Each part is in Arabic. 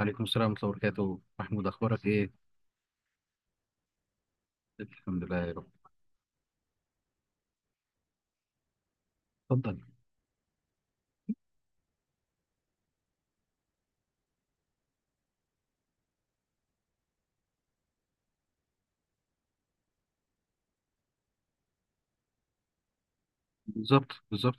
وعليكم السلام ورحمة الله وبركاته، محمود أخبارك إيه؟ الحمد لله يا رب. اتفضل. بالظبط، بالظبط.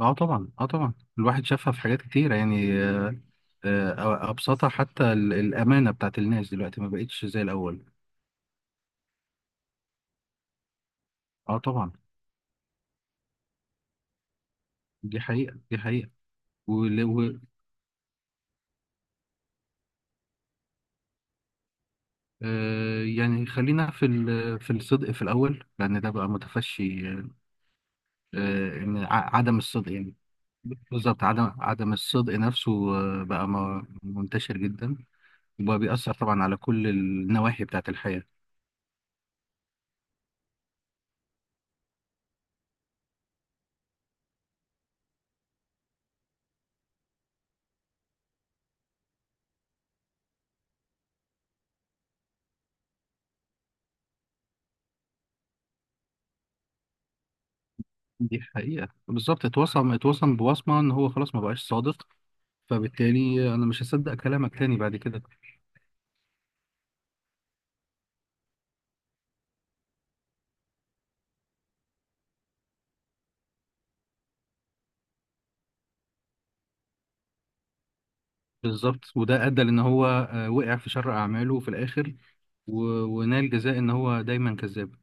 أه طبعا، أه طبعا. الواحد شافها في حاجات كتيرة يعني. أبسطها حتى الأمانة بتاعت الناس دلوقتي ما بقتش زي الأول. أه طبعا. دي حقيقة، دي حقيقة. ول- و آه، يعني خلينا في في الصدق في الأول، لأن ده بقى متفشي. آه، إن عدم الصدق يعني. بالظبط، عدم الصدق نفسه. بقى منتشر جدا، وبيأثر طبعا على كل النواحي بتاعة الحياة. دي حقيقة. بالظبط. اتوصم بوصمة ان هو خلاص ما بقاش صادق، فبالتالي انا مش هصدق كلامك تاني بعد كده. بالظبط. وده ادى لان هو وقع في شر اعماله في الاخر، ونال جزاء ان هو دايما كذاب.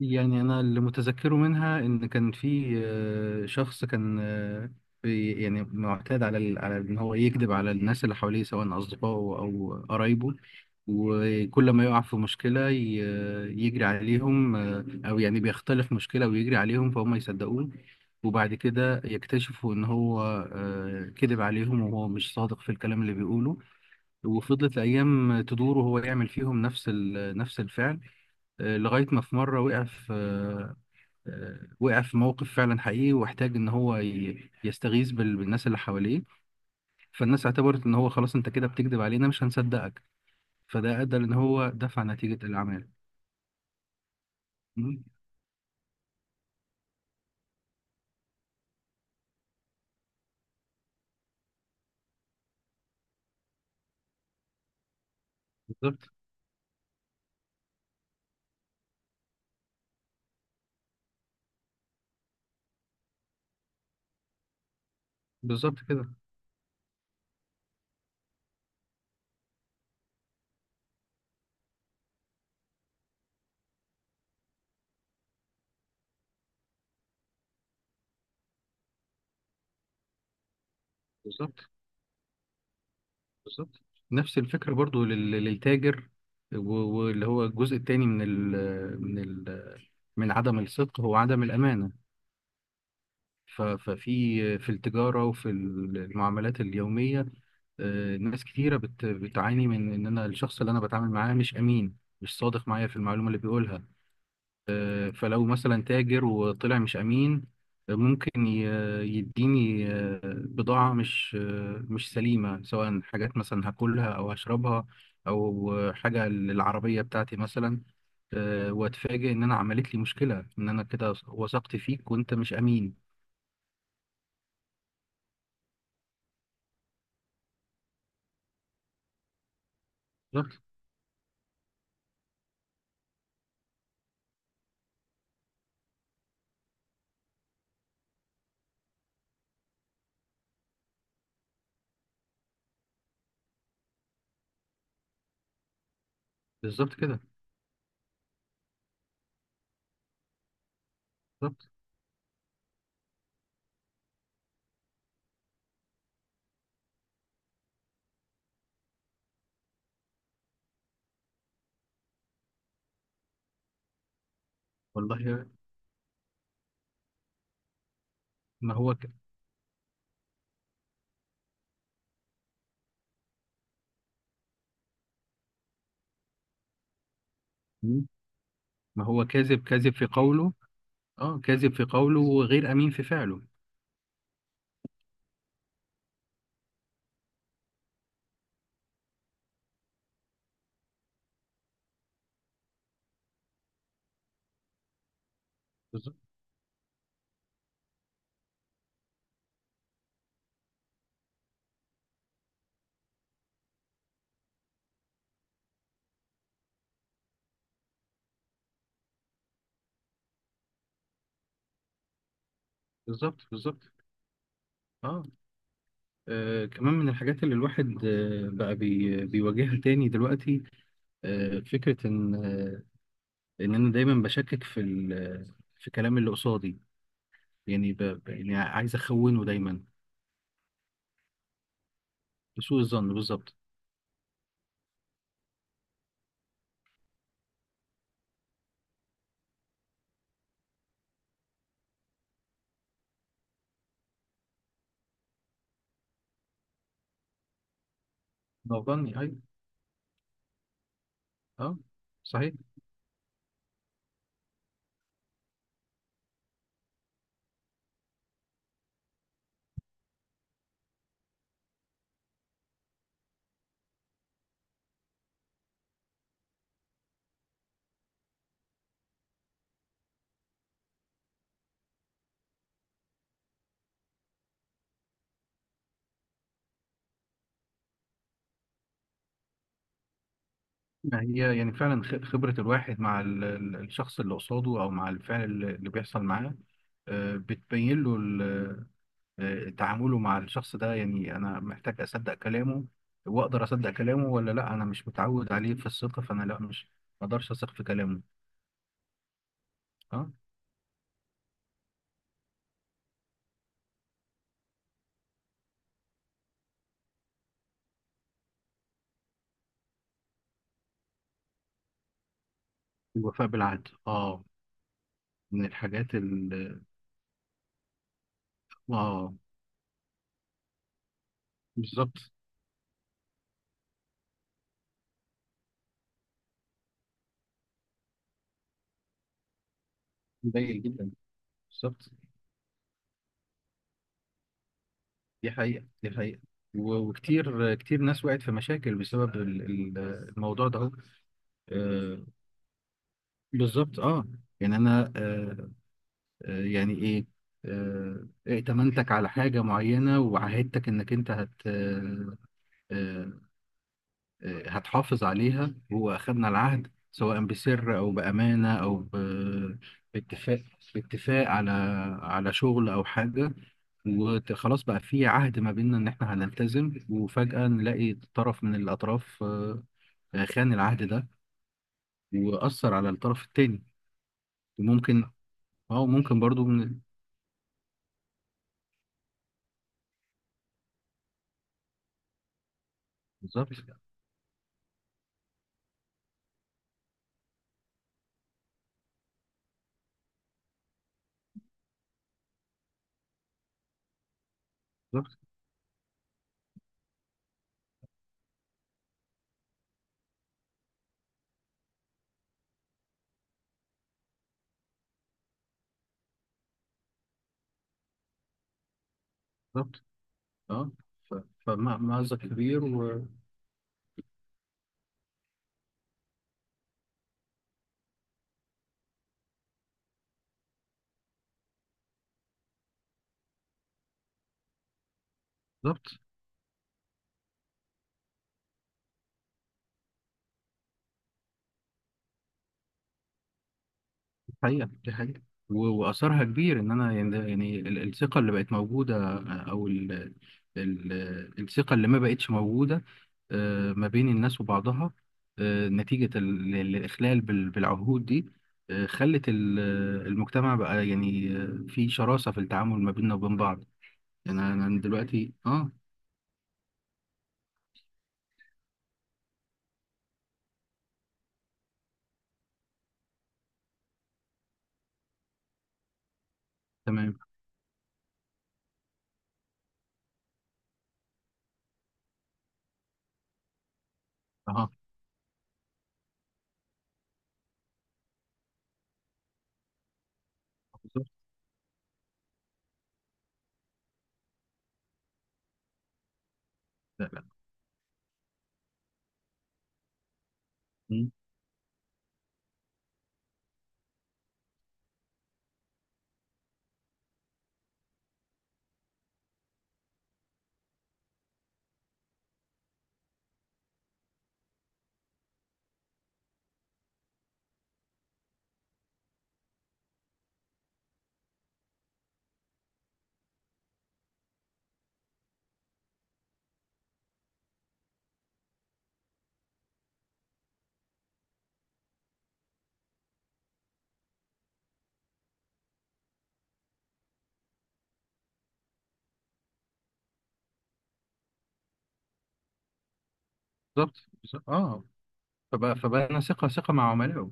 يعني انا اللي متذكره منها ان كان في شخص كان في يعني معتاد على على ان هو يكذب على الناس اللي حواليه، سواء اصدقائه او قرايبه. وكل ما يقع في مشكلة يجري عليهم، او يعني بيختلف مشكلة ويجري عليهم فهم يصدقوه، وبعد كده يكتشفوا ان هو كذب عليهم وهو مش صادق في الكلام اللي بيقوله. وفضلت الايام تدور وهو يعمل فيهم نفس الفعل. لغاية ما في مرة وقع في موقف فعلا حقيقي، واحتاج إن هو يستغيث بالناس اللي حواليه، فالناس اعتبرت إن هو خلاص أنت كده بتكذب علينا، مش هنصدقك. فده أدى إن هو دفع نتيجة الأعمال. مم. بالظبط. بالظبط كده. بالظبط، بالظبط. نفس الفكرة برضو للتاجر، و- واللي هو الجزء التاني من عدم الصدق هو عدم الأمانة. ففي التجارة وفي المعاملات اليومية، ناس كتيرة بتعاني من إن أنا الشخص اللي أنا بتعامل معاه مش أمين، مش صادق معايا في المعلومة اللي بيقولها. فلو مثلا تاجر وطلع مش أمين، ممكن يديني بضاعة مش سليمة، سواء حاجات مثلا هاكلها أو هشربها، أو حاجة للعربية بتاعتي مثلا. وأتفاجئ إن أنا عملت لي مشكلة إن أنا كده وثقت فيك وأنت مش أمين. بالظبط كده. بالظبط. والله. ما هو ك... مم. ما هو كاذب، كاذب في قوله. اه، كاذب في قوله وغير امين في فعله. بالظبط، بالظبط. بالظبط. آه. اه كمان من الحاجات اللي الواحد بقى بيواجهها تاني دلوقتي. فكرة ان ان انا دايما بشكك في كلام اللي قصادي. يعني يعني عايز اخونه دايما، بسوء الظن. بالظبط. ظني، ايوه. اه، صحيح. ما هي يعني فعلا خبرة الواحد مع الشخص اللي قصاده، أو مع الفعل اللي بيحصل معاه، بتبين له تعامله مع الشخص ده. يعني أنا محتاج أصدق كلامه وأقدر أصدق كلامه، ولا لأ أنا مش متعود عليه في الثقة، فأنا لأ، مش ما أقدرش أثق في كلامه. أه. الوفاء بالعهد، أه. من الحاجات أه. بالظبط. قليل جدا. بالظبط. دي حقيقة، دي حقيقة. وكتير كتير ناس وقعت في مشاكل بسبب الموضوع ده. بالظبط، اه. يعني انا يعني ايه، ائتمنتك على حاجة معينة، وعهدتك انك انت هت آه آه آه، هتحافظ عليها. واخدنا العهد سواء بسر او بأمانة او باتفاق باتفاق على شغل او حاجة، وخلاص بقى في عهد ما بيننا ان احنا هنلتزم، وفجأة نلاقي طرف من الاطراف خان العهد ده، وأثر على الطرف التاني. وممكن. اه، ممكن برضو. بالظبط، بالظبط. بالظبط، اه. ف- فمع مأزق كبير. وبالظبط. دي حقيقة، دي حقيقة. وأثرها كبير. إن أنا يعني الثقة اللي بقت موجودة، أو ال ال الثقة اللي ما بقتش موجودة ما بين الناس وبعضها، نتيجة الإخلال بالعهود دي. خلت المجتمع بقى يعني في شراسة في التعامل ما بيننا وبين بعض. يعني أنا دلوقتي تمام. أها. بالظبط. لا لا. مم. بالظبط، بالظبط. اه. فبنى ثقة، ثقة مع عملائه.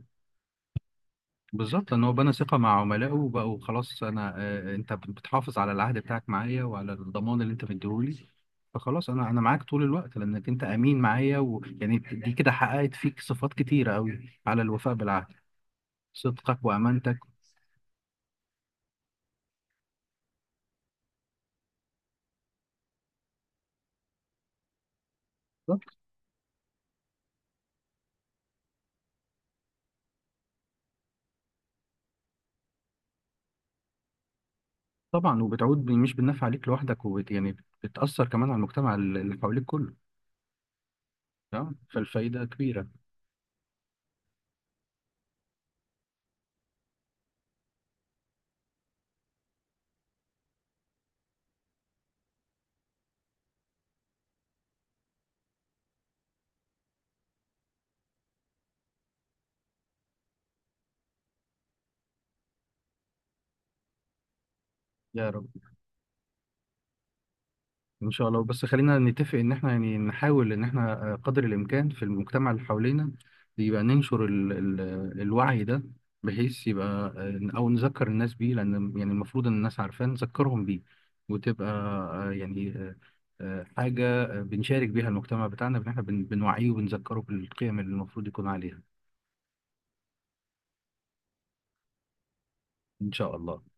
بالظبط. لأن هو بنى ثقة مع عملائه، وبقوا خلاص أنا أنت بتحافظ على العهد بتاعك معايا وعلى الضمان اللي أنت مديهولي، فخلاص أنا معاك طول الوقت، لأنك أنت أمين معايا. ويعني دي كده حققت فيك صفات كتيرة أوي على الوفاء بالعهد، صدقك وأمانتك. بالظبط. طبعا، وبتعود مش بالنفع عليك لوحدك، وبت يعني بتأثر كمان على المجتمع اللي حواليك كله. تمام، فالفايدة كبيرة. يا رب، ان شاء الله. بس خلينا نتفق ان احنا يعني نحاول ان احنا قدر الامكان في المجتمع اللي حوالينا يبقى ننشر ال ال الوعي ده، بحيث يبقى او نذكر الناس بيه، لان يعني المفروض ان الناس عارفاه نذكرهم بيه، وتبقى حاجة بنشارك بيها المجتمع بتاعنا، ان احنا بنوعيه وبنذكره بالقيم اللي المفروض يكون عليها. ان شاء الله.